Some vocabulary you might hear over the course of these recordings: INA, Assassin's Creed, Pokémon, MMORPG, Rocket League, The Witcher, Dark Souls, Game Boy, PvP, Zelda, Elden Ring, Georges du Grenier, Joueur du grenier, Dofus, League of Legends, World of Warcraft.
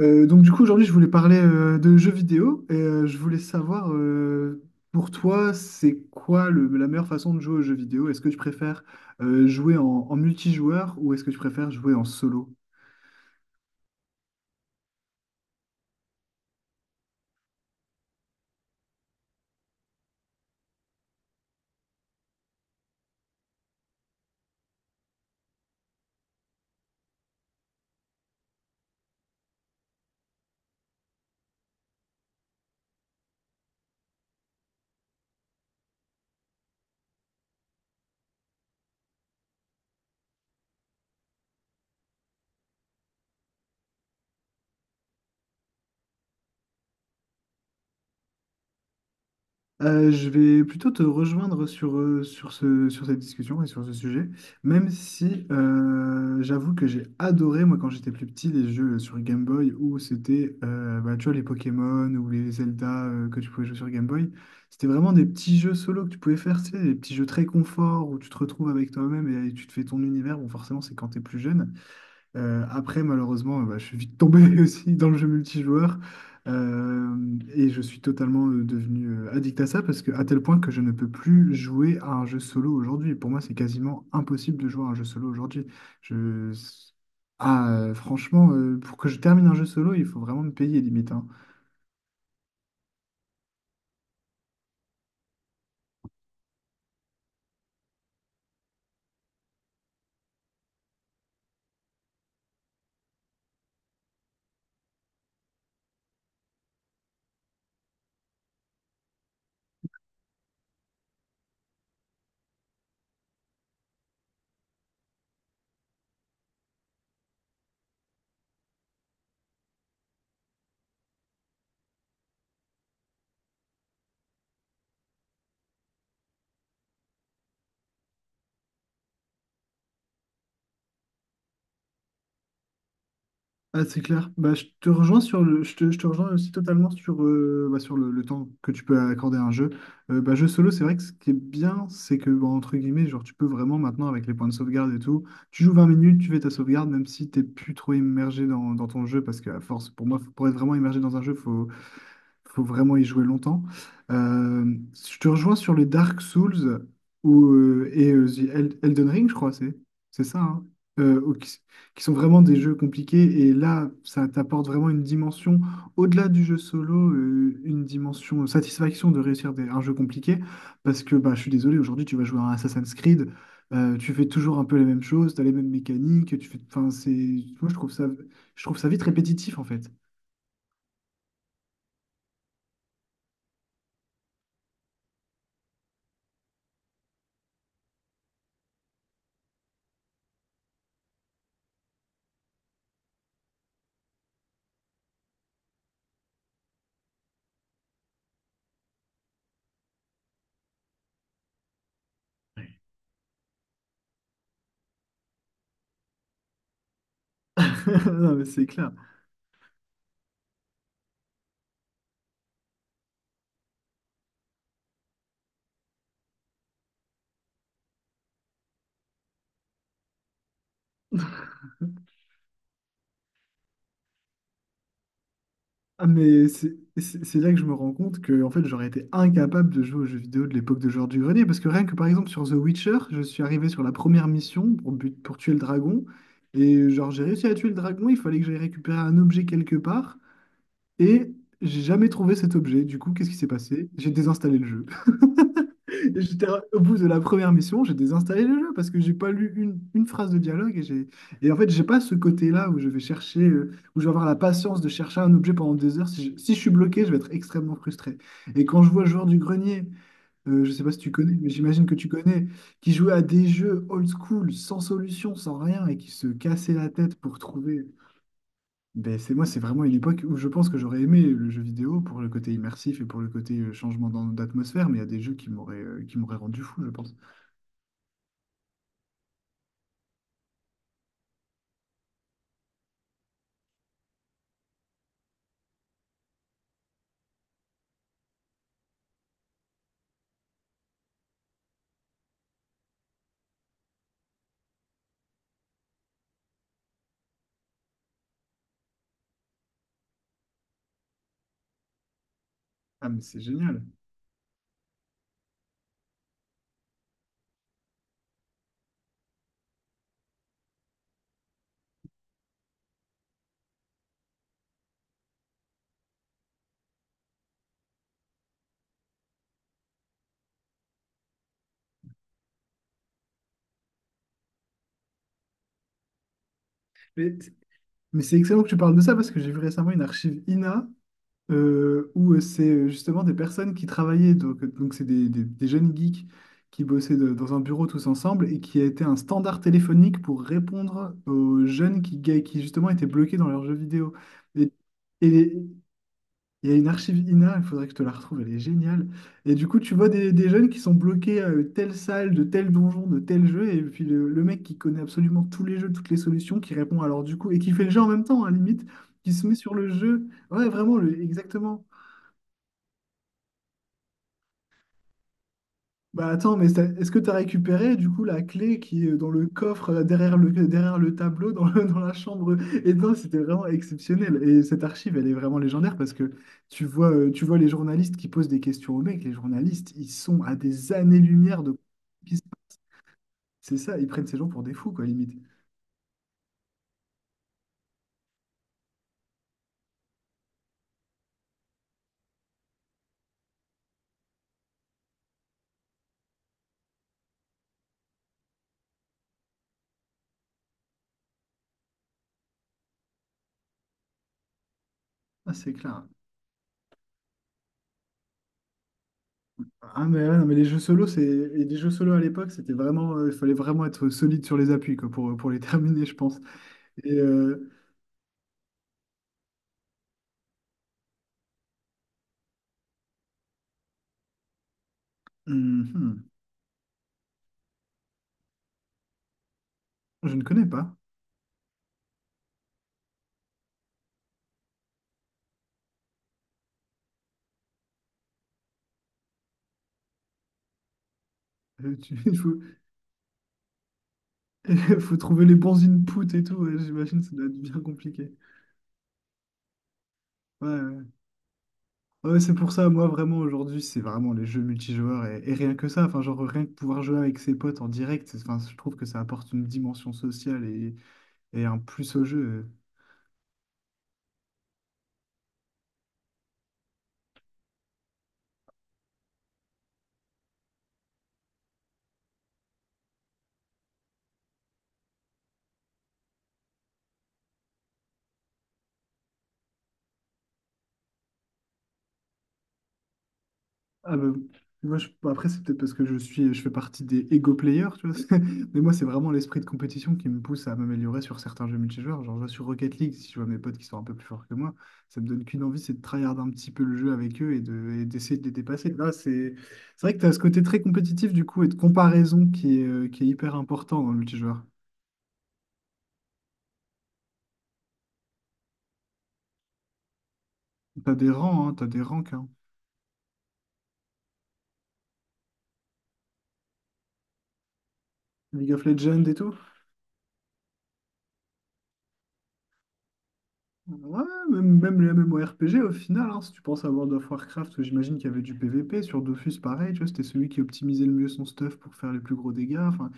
Donc du coup aujourd'hui je voulais parler de jeux vidéo et je voulais savoir pour toi c'est quoi la meilleure façon de jouer aux jeux vidéo? Est-ce que tu préfères jouer en multijoueur ou est-ce que tu préfères jouer en solo? Je vais plutôt te rejoindre sur sur cette discussion et sur ce sujet, même si j'avoue que j'ai adoré, moi, quand j'étais plus petit, les jeux sur Game Boy où c'était, bah, tu vois, les Pokémon ou les Zelda que tu pouvais jouer sur Game Boy. C'était vraiment des petits jeux solo que tu pouvais faire, tu sais, des petits jeux très confort où tu te retrouves avec toi-même et tu te fais ton univers. Bon, forcément, c'est quand t'es plus jeune. Après, je suis vite tombé aussi dans le jeu multijoueur. Euh, et je suis totalement devenu addict à ça parce que à tel point que je ne peux plus jouer à un jeu solo aujourd'hui. Pour moi, c'est quasiment impossible de jouer à un jeu solo aujourd'hui. Je... Ah, franchement, pour que je termine un jeu solo, il faut vraiment me payer limite. Ah, c'est clair. Bah, je te rejoins aussi totalement sur le temps que tu peux accorder à un jeu. Jeu solo, c'est vrai que ce qui est bien, c'est que, bah, entre guillemets, genre, tu peux vraiment maintenant, avec les points de sauvegarde et tout, tu joues 20 minutes, tu fais ta sauvegarde, même si t'es plus trop immergé dans ton jeu, parce que à force, pour moi, pour être vraiment immergé dans un jeu, faut vraiment y jouer longtemps. Euh, je te rejoins sur le Dark Souls ou Elden Ring, je crois, c'est ça, hein, euh, ou qui, qui sont vraiment des jeux compliqués. Et là, ça t'apporte vraiment une dimension, au-delà du jeu solo, une dimension satisfaction de réussir un jeu compliqué. Parce que bah, je suis désolé, aujourd'hui, tu vas jouer à un Assassin's Creed, tu fais toujours un peu les mêmes choses, tu as les mêmes mécaniques. Tu fais, enfin, c'est, moi, je trouve ça vite répétitif, en fait. Non, mais c'est clair. C'est là que je me rends compte que en fait, j'aurais été incapable de jouer aux jeux vidéo de l'époque de Georges du Grenier. Parce que rien que par exemple sur The Witcher, je suis arrivé sur la première mission pour tuer le dragon. Et genre, j'ai réussi à tuer le dragon, il fallait que j'aille récupérer un objet quelque part. Et j'ai jamais trouvé cet objet. Du coup, qu'est-ce qui s'est passé? J'ai désinstallé le jeu. Et j'étais au bout de la première mission, j'ai désinstallé le jeu parce que j'ai pas lu une phrase de dialogue et en fait j'ai pas ce côté-là où je vais chercher où je vais avoir la patience de chercher un objet pendant des heures. Si je suis bloqué, je vais être extrêmement frustré. Et quand je vois le joueur du grenier, je sais pas si tu connais, mais j'imagine que tu connais, qui jouait à des jeux old school, sans solution, sans rien et qui se cassait la tête pour trouver ben, c'est moi, c'est vraiment une époque où je pense que j'aurais aimé le jeu vidéo pour le côté immersif et pour le côté changement d'atmosphère, mais il y a des jeux qui m'auraient rendu fou, je pense. Ah, mais c'est génial. Mais, mais c'est excellent que tu parles de ça parce que j'ai vu récemment une archive INA où c'est justement des personnes qui travaillaient, donc c'est des jeunes geeks qui bossaient dans un bureau tous ensemble et qui a été un standard téléphonique pour répondre aux jeunes qui justement étaient bloqués dans leurs jeux vidéo. Et, il y a une archive INA, il faudrait que je te la retrouve, elle est géniale. Et du coup, tu vois des jeunes qui sont bloqués à telle salle, de tel donjon, de tel jeu, et puis le mec qui connaît absolument tous les jeux, toutes les solutions, qui répond alors du coup, et qui fait le jeu en même temps, à limite, qui se met sur le jeu. Ouais, vraiment, exactement. Bah attends, mais est-ce que tu as récupéré du coup la clé qui est dans le coffre derrière derrière le tableau dans dans la chambre? Et non, c'était vraiment exceptionnel. Et cette archive, elle est vraiment légendaire parce que tu vois les journalistes qui posent des questions aux mecs. Les journalistes, ils sont à des années-lumière de... C'est ça, ils prennent ces gens pour des fous, quoi, limite. Ah, c'est clair. Ouais, non, mais les jeux solo, c'est... et les jeux solo à l'époque, c'était vraiment... il fallait vraiment être solide sur les appuis, quoi, pour les terminer, je pense. Et... euh, hum, hum, je ne connais pas. Euh, tu- Il faut, faut trouver les bons inputs et tout, ouais, j'imagine ça doit être bien compliqué. Ouais, ouais. Ouais, c'est pour ça, moi vraiment aujourd'hui, c'est vraiment les jeux multijoueurs et rien que ça, enfin genre rien que pouvoir jouer avec ses potes en direct, enfin, je trouve que ça apporte une dimension sociale et un plus au jeu. Ah bah, bon, après, c'est peut-être parce que je fais partie des ego players, tu vois. Mais moi, c'est vraiment l'esprit de compétition qui me pousse à m'améliorer sur certains jeux multijoueurs. Genre, je vois sur Rocket League, si je vois mes potes qui sont un peu plus forts que moi, ça me donne qu'une envie, c'est de tryhard un petit peu le jeu avec eux et d'essayer de les dépasser. Là, c'est vrai que tu as ce côté très compétitif, du coup, et de comparaison qui est hyper important dans le multijoueur. T'as des rangs, hein, t'as des ranks, hein. League of Legends et tout. Ouais, même les MMORPG au final, hein, si tu penses à World of Warcraft, j'imagine qu'il y avait du PvP, sur Dofus pareil, tu vois, c'était celui qui optimisait le mieux son stuff pour faire les plus gros dégâts, enfin,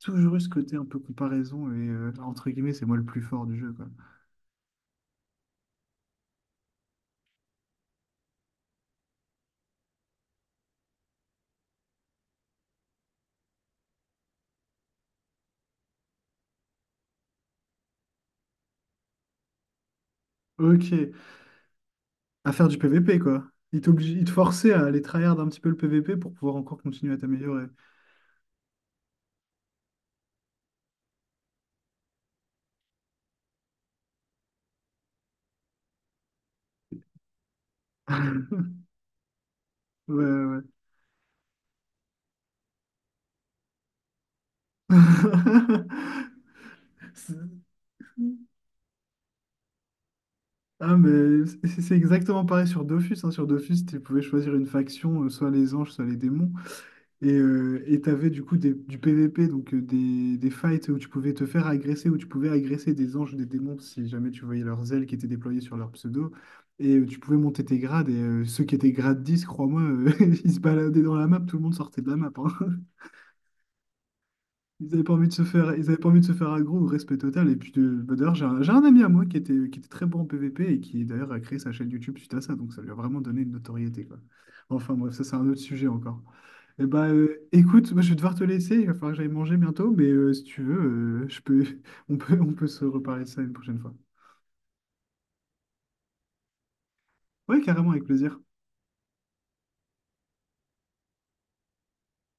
toujours eu ce côté un peu comparaison et entre guillemets, c'est moi le plus fort du jeu, quoi. Ok, à faire du PvP, quoi. Il t'oblige, il te forçait à aller tryhard un petit peu le PvP pour pouvoir encore continuer à t'améliorer. Ouais, ouais. Ouais. C'est- ah, mais c'est exactement pareil sur Dofus, hein. Sur Dofus, tu pouvais choisir une faction, soit les anges, soit les démons. Et t'avais du coup du PVP, des fights où tu pouvais te faire agresser, où tu pouvais agresser des anges ou des démons si jamais tu voyais leurs ailes qui étaient déployées sur leur pseudo. Et tu pouvais monter tes grades. Et ceux qui étaient grade 10 crois-moi, ils se baladaient dans la map, tout le monde sortait de la map, hein. Ils avaient pas envie de se faire, ils avaient pas envie de se faire aggro, respect total. Et puis bah, d'ailleurs, j'ai un ami à moi qui était très bon en PVP et qui d'ailleurs a créé sa chaîne YouTube suite à ça. Donc ça lui a vraiment donné une notoriété, quoi. Enfin bref, ça c'est un autre sujet encore. Et bah, écoute, moi je vais devoir te laisser, il va falloir que j'aille manger bientôt, mais si tu veux, euh, je peux, on peut se reparler de ça une prochaine fois. Ouais, carrément, avec plaisir.